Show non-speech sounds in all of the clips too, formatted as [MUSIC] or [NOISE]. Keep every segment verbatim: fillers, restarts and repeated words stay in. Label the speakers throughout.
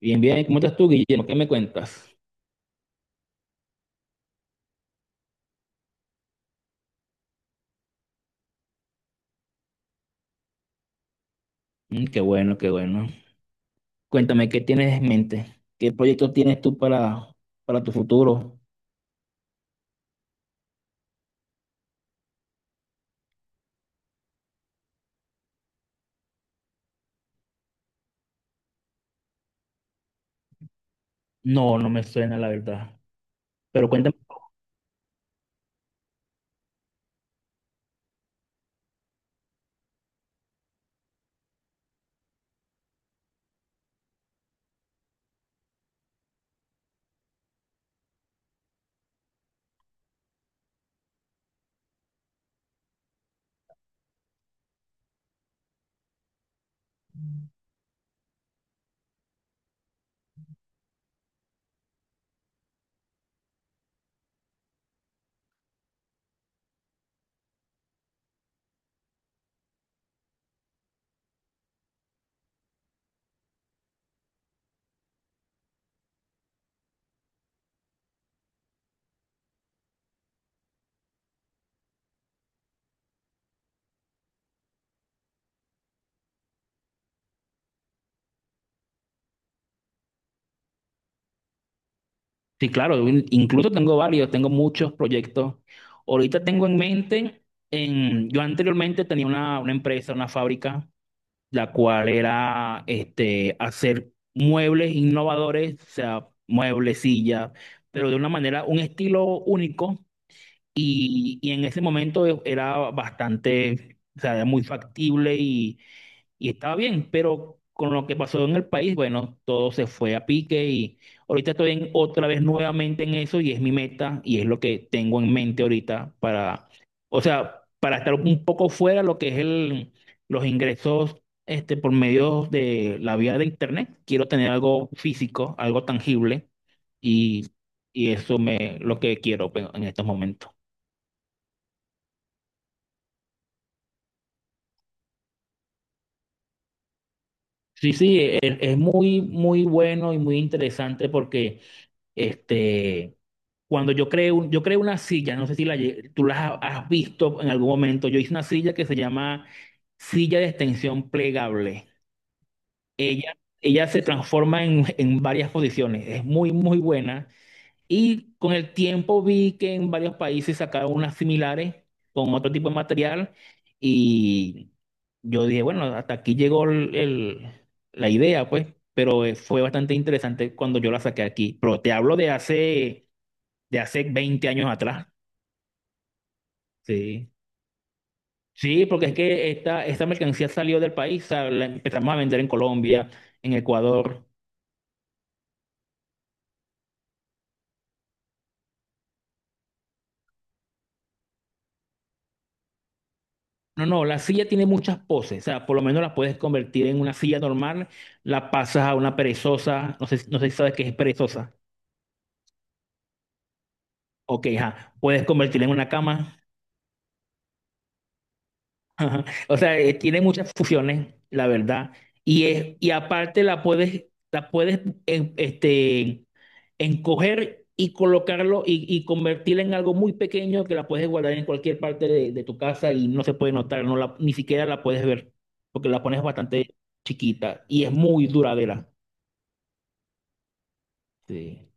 Speaker 1: Bien, bien, ¿cómo estás tú, Guillermo? ¿Qué me cuentas? Mm, qué bueno, qué bueno. Cuéntame, ¿qué tienes en mente? ¿Qué proyecto tienes tú para, para tu futuro? No, no me suena, la verdad. Pero cuéntame. Sí, claro, in- incluso tengo varios, tengo muchos proyectos. Ahorita tengo en mente, en, yo anteriormente tenía una, una empresa, una fábrica, la cual era este, hacer muebles innovadores, o sea, muebles, sillas, pero de una manera, un estilo único. Y, y en ese momento era bastante, o sea, era muy factible y, y estaba bien, pero con lo que pasó en el país, bueno, todo se fue a pique y ahorita estoy en- otra vez nuevamente en eso y es mi meta y es lo que tengo en mente ahorita para, o sea, para estar un poco fuera de lo que es el, los ingresos este, por medio de la vía de internet. Quiero tener algo físico, algo tangible y, y eso me lo que quiero pues, en estos momentos. Sí, sí, e- e- es, muy, muy bueno y muy interesante porque este, cuando yo creé, un- yo creé una silla, no sé si la, lle- tú la has has visto en algún momento, yo hice una silla que se llama silla de extensión plegable. Ella, ella se transforma en, en varias posiciones, es muy, muy buena y con el tiempo vi que en varios países sacaron unas similares con otro tipo de material y yo dije, bueno, hasta aquí llegó el- el- la idea, pues, pero eh, fue bastante interesante cuando yo la saqué aquí. Pero te hablo de hace, de hace veinte años atrás. Sí. Sí, porque es que esta, esta mercancía salió del país, o sea, la empezamos a vender en Colombia, en Ecuador. No, no, la silla tiene muchas poses, o sea, por lo menos la puedes convertir en una silla normal, la pasas a una perezosa, no sé, no sé si sabes qué es perezosa, ok, ajá, puedes convertirla en una cama. [LAUGHS] Ajá. O sea, eh, tiene muchas fusiones, la verdad, y, es, y aparte la puedes, la puedes en- este, encoger y colocarlo y, y convertirla en algo muy pequeño que la puedes guardar en cualquier parte de, de tu casa y no se puede notar, no la, ni siquiera la puedes ver, porque la pones bastante chiquita y es muy duradera. Sí.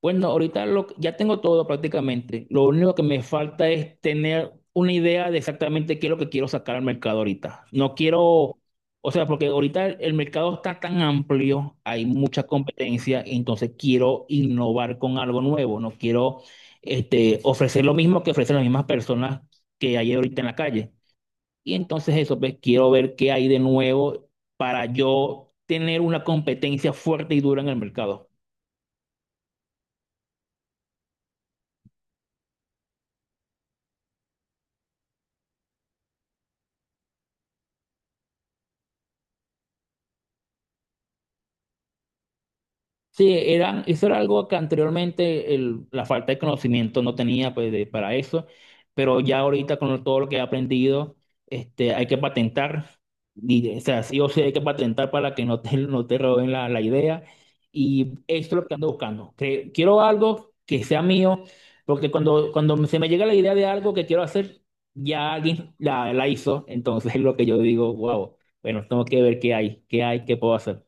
Speaker 1: Bueno, ahorita lo, ya tengo todo prácticamente. Lo único que me falta es tener una idea de exactamente qué es lo que quiero sacar al mercado ahorita. No quiero, o sea, porque ahorita el, el mercado está tan amplio, hay mucha competencia, entonces quiero innovar con algo nuevo. No quiero este, ofrecer lo mismo que ofrecen las mismas personas que hay ahorita en la calle. Y entonces eso, pues quiero ver qué hay de nuevo para yo tener una competencia fuerte y dura en el mercado. Sí, eran, eso era algo que anteriormente el- la falta de conocimiento no tenía pues, de- para eso, pero ya ahorita con todo lo que he aprendido, este, hay que patentar, y, o sea, sí o sí hay que patentar para que no te, no te roben la, la idea, y esto es lo que ando buscando. Que, quiero algo que sea mío, porque cuando, cuando se me llega la idea de algo que quiero hacer, ya alguien la, la hizo, entonces [LAUGHS] es lo que yo digo, wow, bueno, tengo que ver qué hay, qué hay, qué puedo hacer.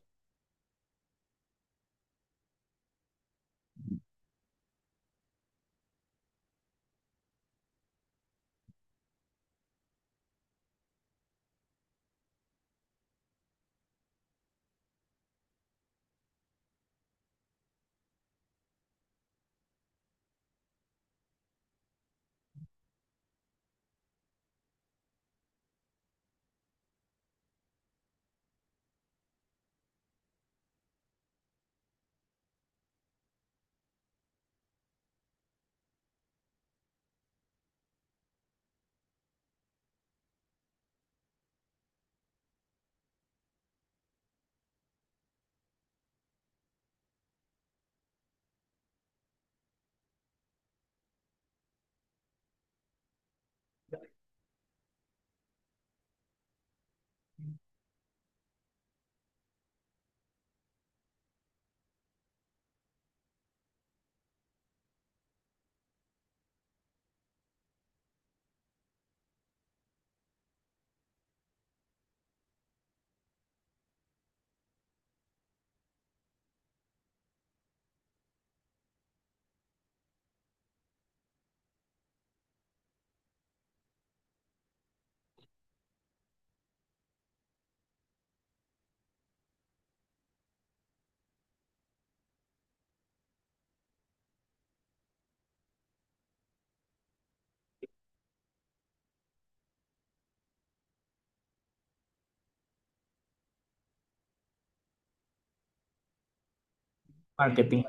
Speaker 1: Marketing.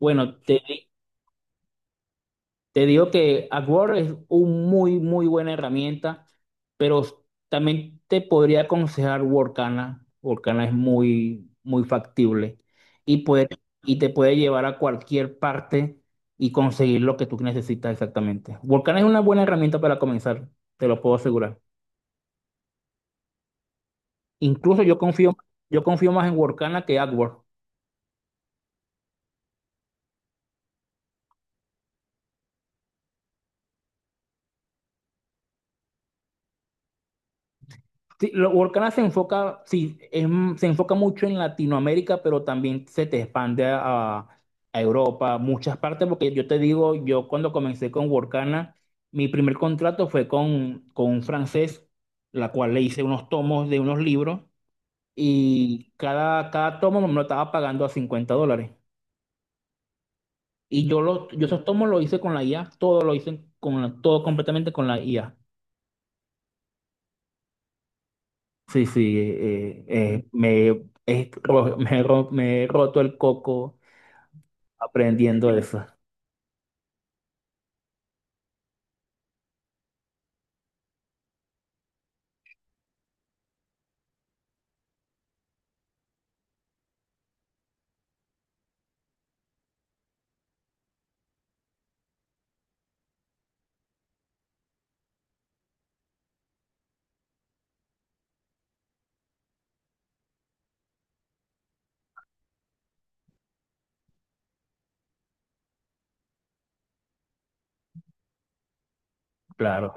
Speaker 1: Bueno, te Te digo que AdWords es una muy, muy buena herramienta, pero también te podría aconsejar Workana. Workana es muy, muy factible y, puede, y te puede llevar a cualquier parte y conseguir lo que tú necesitas exactamente. Workana es una buena herramienta para comenzar, te lo puedo asegurar. Incluso yo confío, yo confío más en Workana que AdWords. Sí, lo- Workana se enfoca, sí, en- se enfoca mucho en Latinoamérica, pero también se te expande a, a- Europa, muchas partes, porque yo te digo, yo cuando comencé con Workana, mi primer contrato fue con, con un francés, la cual le hice unos tomos de unos libros y cada, cada tomo me lo estaba pagando a cincuenta dólares. Y yo, los, yo esos tomos los hice con la I A, todo lo hice con la- todo completamente con la I A. Sí, sí, eh, eh, me, he ro- [LAUGHS] me he ro- me he roto el coco aprendiendo eso. Claro,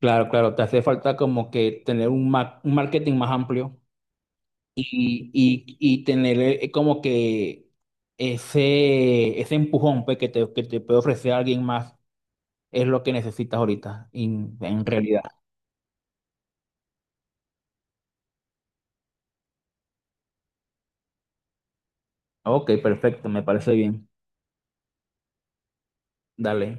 Speaker 1: claro, claro. Te hace falta como que tener un, ma- un marketing más amplio y, y, y tener eh, como que ese, ese empujón pues, que te, que te puede ofrecer alguien más es lo que necesitas ahorita, en en realidad. Ok, perfecto, me parece bien. Dale.